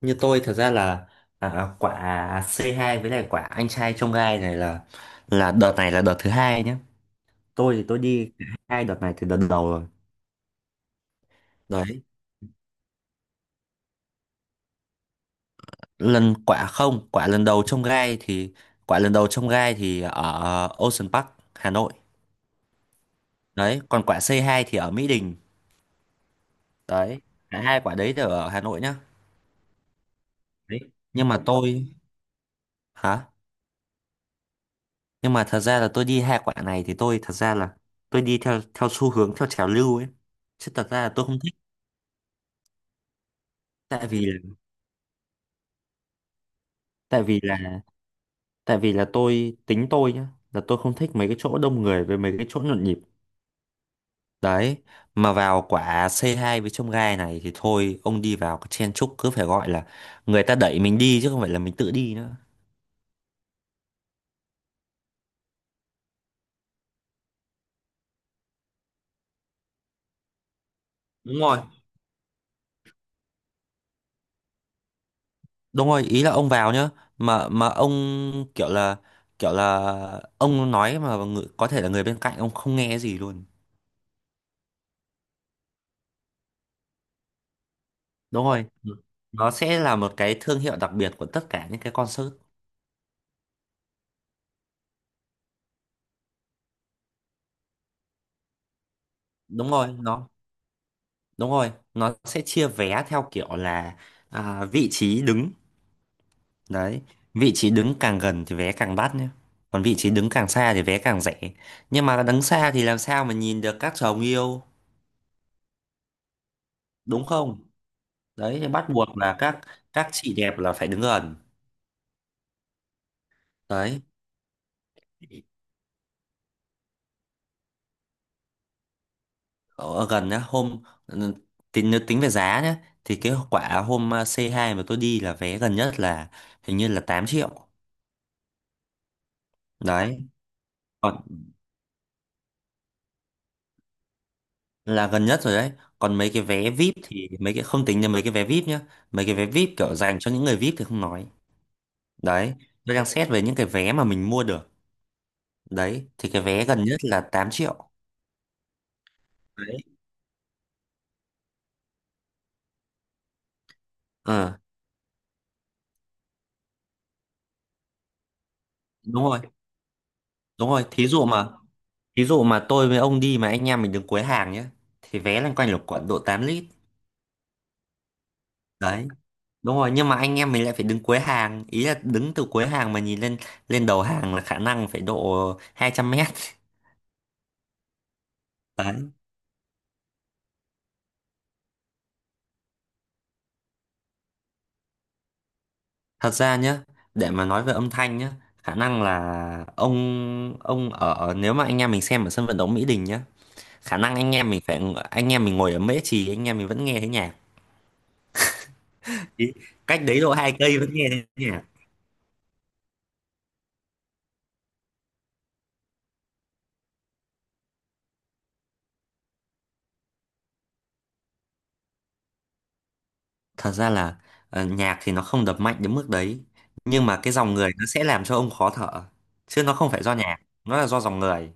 Như tôi thật ra là, quả C2 với lại quả anh trai trong gai này là đợt thứ hai nhé. Tôi thì tôi đi cả hai đợt này từ đợt đầu rồi. Đấy. Lần quả không quả lần đầu trong gai thì, quả lần đầu trong gai thì ở Ocean Park Hà Nội. Đấy, còn quả C2 thì ở Mỹ Đình. Đấy, cả hai quả đấy đều ở Hà Nội nhá. Đấy, nhưng mà tôi... Hả? Nhưng mà thật ra là tôi đi hai quả này thì tôi thật ra là tôi đi theo theo xu hướng theo trào lưu ấy, chứ thật ra là tôi không thích. Tại vì tại vì là tại vì là tôi tính tôi nhá, là tôi không thích mấy cái chỗ đông người với mấy cái chỗ nhộn nhịp. Đấy, mà vào quả C2 với trông gai này thì thôi, ông đi vào cái chen chúc cứ phải gọi là người ta đẩy mình đi chứ không phải là mình tự đi nữa. Đúng rồi, đúng rồi, ý là ông vào nhá, mà ông kiểu là kiểu là ông nói mà người, có thể là người bên cạnh ông không nghe gì luôn. Đúng rồi. Ừ. Nó sẽ là một cái thương hiệu đặc biệt của tất cả những cái concert. đúng rồi nó Đúng rồi, nó sẽ chia vé theo kiểu là vị trí đứng. Đấy, vị trí đứng càng gần thì vé càng đắt nhé. Còn vị trí đứng càng xa thì vé càng rẻ. Nhưng mà đứng xa thì làm sao mà nhìn được các chồng yêu, đúng không? Đấy, thì bắt buộc là các chị đẹp là phải đứng gần. Đấy, ở gần nhá, tính nếu tính về giá nhá, thì cái quả hôm C2 mà tôi đi là vé gần nhất là hình như là 8 triệu. Đấy, là gần nhất rồi đấy. Còn mấy cái vé VIP thì mấy cái không tính đến mấy cái vé VIP nhá. Mấy cái vé VIP kiểu dành cho những người VIP thì không nói. Đấy, tôi đang xét về những cái vé mà mình mua được. Đấy, thì cái vé gần nhất là 8 triệu. Đấy, ờ, đúng rồi đúng rồi. Thí dụ mà tôi với ông đi mà anh em mình đứng cuối hàng nhá, thì vé loanh quanh là khoảng độ 8 lít. Đấy, đúng rồi, nhưng mà anh em mình lại phải đứng cuối hàng, ý là đứng từ cuối hàng mà nhìn lên lên đầu hàng là khả năng phải độ 200 mét. Đấy. Thật ra nhá, để mà nói về âm thanh nhá, khả năng là ông ở nếu mà anh em mình xem ở sân vận động Mỹ Đình nhá, khả năng anh em mình phải, anh em mình ngồi ở Mễ Trì anh em mình vẫn nghe thấy nhạc. Ý, cách đấy độ 2 cây vẫn nghe thấy nhạc. Thật ra là, nhạc thì nó không đập mạnh đến mức đấy, nhưng mà cái dòng người nó sẽ làm cho ông khó thở, chứ nó không phải do nhạc, nó là do dòng người.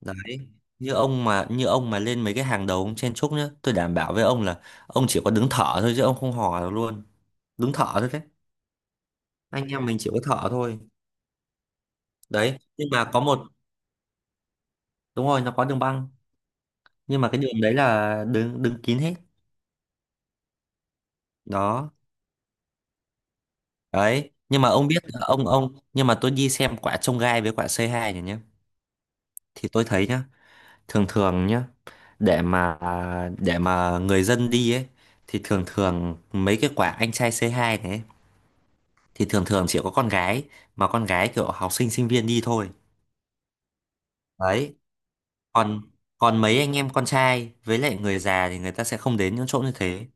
Đấy. Như ông mà lên mấy cái hàng đầu ông chen chúc nhá, tôi đảm bảo với ông là ông chỉ có đứng thở thôi chứ ông không hò được luôn, đứng thở thôi đấy. Anh em mình chỉ có thợ thôi. Đấy, nhưng mà có một... Đúng rồi, nó có đường băng, nhưng mà cái đường đấy là đứng đứng kín hết. Đó. Đấy, nhưng mà ông biết là ông nhưng mà tôi đi xem quả trông gai với quả C2 này nhá, thì tôi thấy nhá, thường thường nhá, để mà để mà người dân đi ấy, thì thường thường mấy cái quả anh trai C2 này ấy, thì thường thường chỉ có con gái, mà con gái kiểu học sinh sinh viên đi thôi. Đấy. Còn Còn mấy anh em con trai với lại người già thì người ta sẽ không đến những chỗ như thế.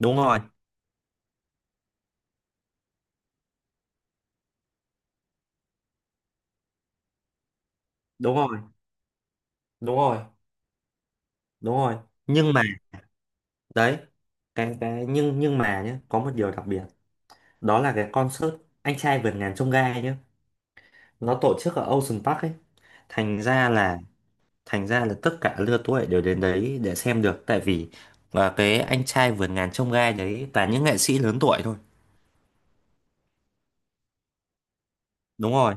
Đúng rồi, đúng rồi, đúng rồi, đúng rồi, nhưng mà đấy, cái nhưng mà nhé, có một điều đặc biệt, đó là cái concert anh trai vượt ngàn chông gai nhé, nó tổ chức ở Ocean Park ấy. thành ra là Thành ra là tất cả lứa tuổi đều đến đấy để xem được, tại vì và cái anh trai vượt ngàn chông gai đấy toàn những nghệ sĩ lớn tuổi thôi. Đúng rồi,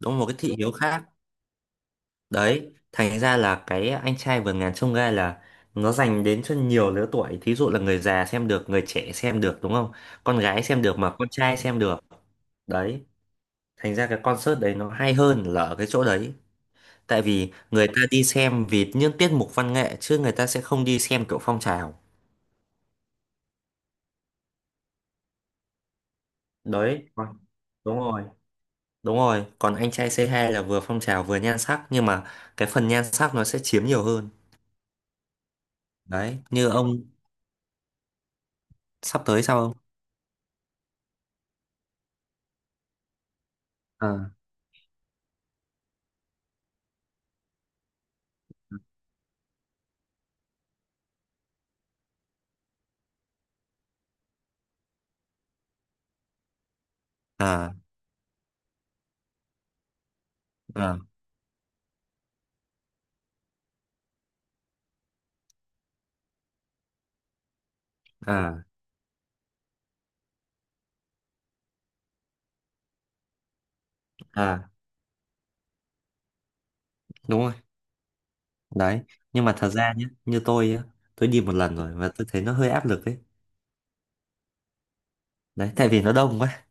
đúng một cái thị hiếu khác. Đấy, thành ra là cái anh trai vượt ngàn chông gai là nó dành đến cho nhiều lứa tuổi. Thí dụ là người già xem được, người trẻ xem được đúng không? Con gái xem được mà con trai xem được. Đấy, thành ra cái concert đấy nó hay hơn là ở cái chỗ đấy. Tại vì người ta đi xem vì những tiết mục văn nghệ chứ người ta sẽ không đi xem kiểu phong trào. Đấy, vâng, đúng rồi, đúng rồi. Còn anh trai C2 là vừa phong trào vừa nhan sắc, nhưng mà cái phần nhan sắc nó sẽ chiếm nhiều hơn. Đấy, như ông... Sắp tới sao không? À, à, à, à, à đúng rồi. Đấy, nhưng mà thật ra nhé, như tôi á, tôi đi một lần rồi và tôi thấy nó hơi áp lực ấy. Đấy, tại vì nó đông quá.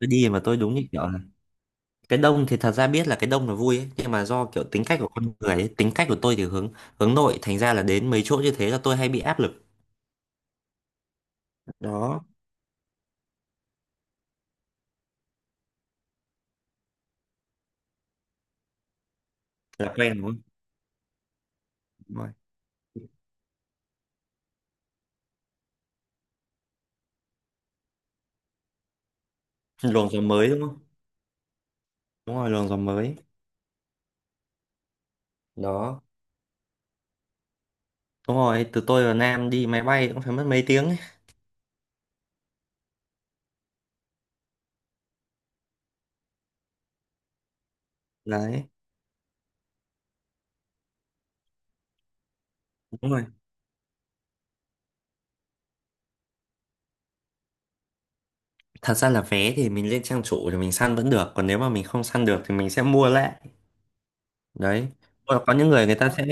Tôi đi mà tôi đúng như kiểu là, cái đông thì thật ra biết là cái đông là vui ấy, nhưng mà do kiểu tính cách của con người ấy, tính cách của tôi thì hướng hướng nội, thành ra là đến mấy chỗ như thế là tôi hay bị áp lực. Đó, là quen đúng không? Đúng rồi. Luồng gió mới đúng không? Đúng rồi, luồng gió mới. Đó, đúng rồi, từ tôi và Nam đi máy bay cũng phải mất mấy tiếng ấy. Đấy, đúng rồi. Thật ra là vé thì mình lên trang chủ thì mình săn vẫn được. Còn nếu mà mình không săn được thì mình sẽ mua lại. Đấy. Có những người người ta sẽ...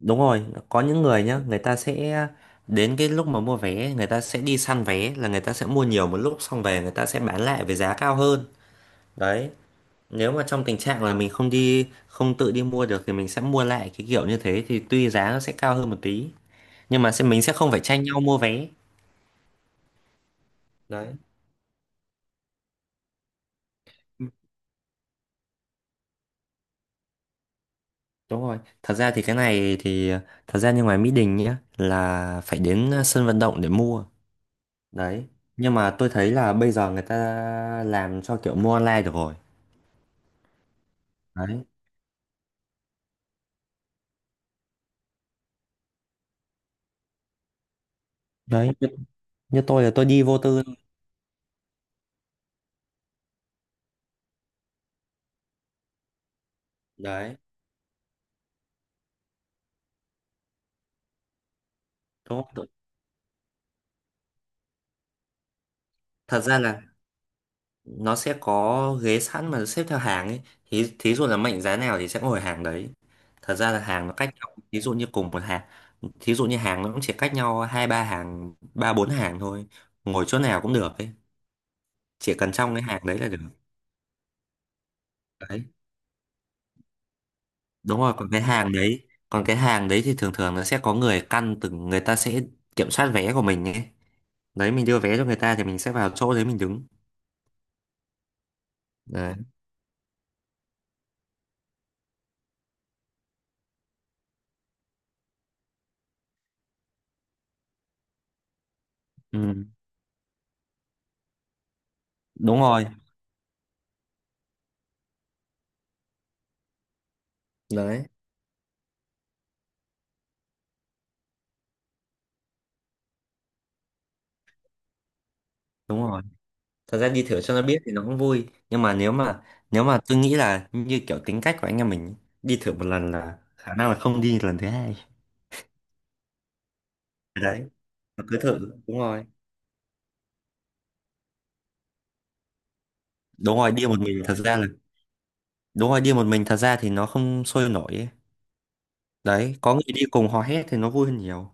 Đúng rồi, có những người nhá, người ta sẽ, đến cái lúc mà mua vé, người ta sẽ đi săn vé, là người ta sẽ mua nhiều một lúc, xong về người ta sẽ bán lại với giá cao hơn. Đấy. Nếu mà trong tình trạng là mình không đi, không tự đi mua được, thì mình sẽ mua lại cái kiểu như thế. Thì tuy giá nó sẽ cao hơn một tí, nhưng mà sẽ mình sẽ không phải tranh nhau mua vé. Đấy. Đúng rồi, thật ra thì cái này thì thật ra như ngoài Mỹ Đình nhá, là phải đến sân vận động để mua. Đấy. Nhưng mà tôi thấy là bây giờ người ta làm cho kiểu mua online được rồi. Đấy. Đấy, như, Như tôi là tôi đi vô tư. Đấy. Đúng không? Thật ra là nó sẽ có ghế sẵn mà xếp theo hàng ấy. Thí dụ là mệnh giá nào thì sẽ ngồi hàng đấy. Thật ra là hàng nó cách nhau, thí dụ như cùng một hàng, thí dụ như hàng nó cũng chỉ cách nhau hai ba hàng, ba bốn hàng thôi. Ngồi chỗ nào cũng được ấy. Chỉ cần trong cái hàng đấy là được. Đấy, đúng rồi, còn cái hàng đấy thì thường thường nó sẽ có người căn từng người ta sẽ kiểm soát vé của mình ấy. Đấy, mình đưa vé cho người ta thì mình sẽ vào chỗ đấy mình đứng. Đấy. Ừ. Đúng rồi. Đấy, đúng rồi, thật ra đi thử cho nó biết thì nó cũng vui, nhưng mà nếu mà tôi nghĩ là như kiểu tính cách của anh em mình ấy, đi thử một lần là khả năng là không đi lần thứ hai. Đấy, mà cứ thử. Đúng rồi, đúng rồi, đi một mình thật ra là, đúng rồi, đi một mình thật ra thì nó không sôi nổi ấy. Đấy, có người đi cùng hò hét thì nó vui hơn nhiều.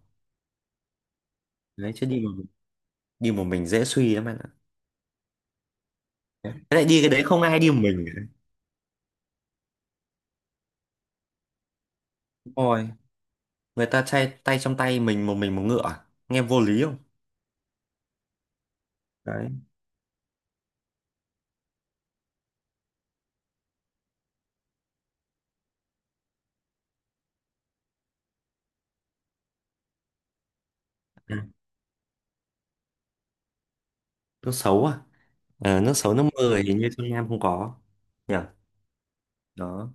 Đấy, chứ đi một mình dễ suy lắm anh ạ. Thế lại đi cái đấy không ai đi một mình cả. Đúng rồi, người ta chay tay trong tay mình một ngựa à? Nghe vô lý không? Đấy. à, Nước xấu à? Ờ, nước xấu nước mưa thì hình như trong Nam không có nhỉ. Đó.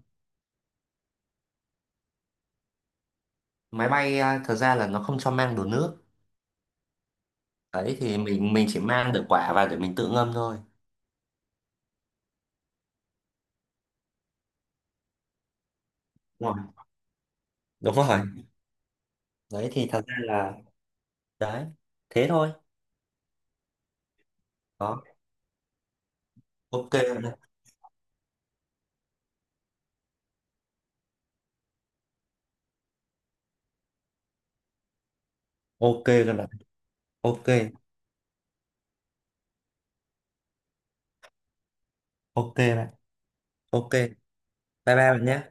Máy bay à, thật ra là nó không cho mang đồ nước. Đấy, thì mình chỉ mang được quả và để mình tự ngâm thôi. Đúng rồi, đúng rồi. Đấy, thì thật ra là... Đấy, thế thôi. Đó. Ok bạn ạ. Ok các bạn. Ok. Ok bạn. Ok. Bye bye bạn nhé.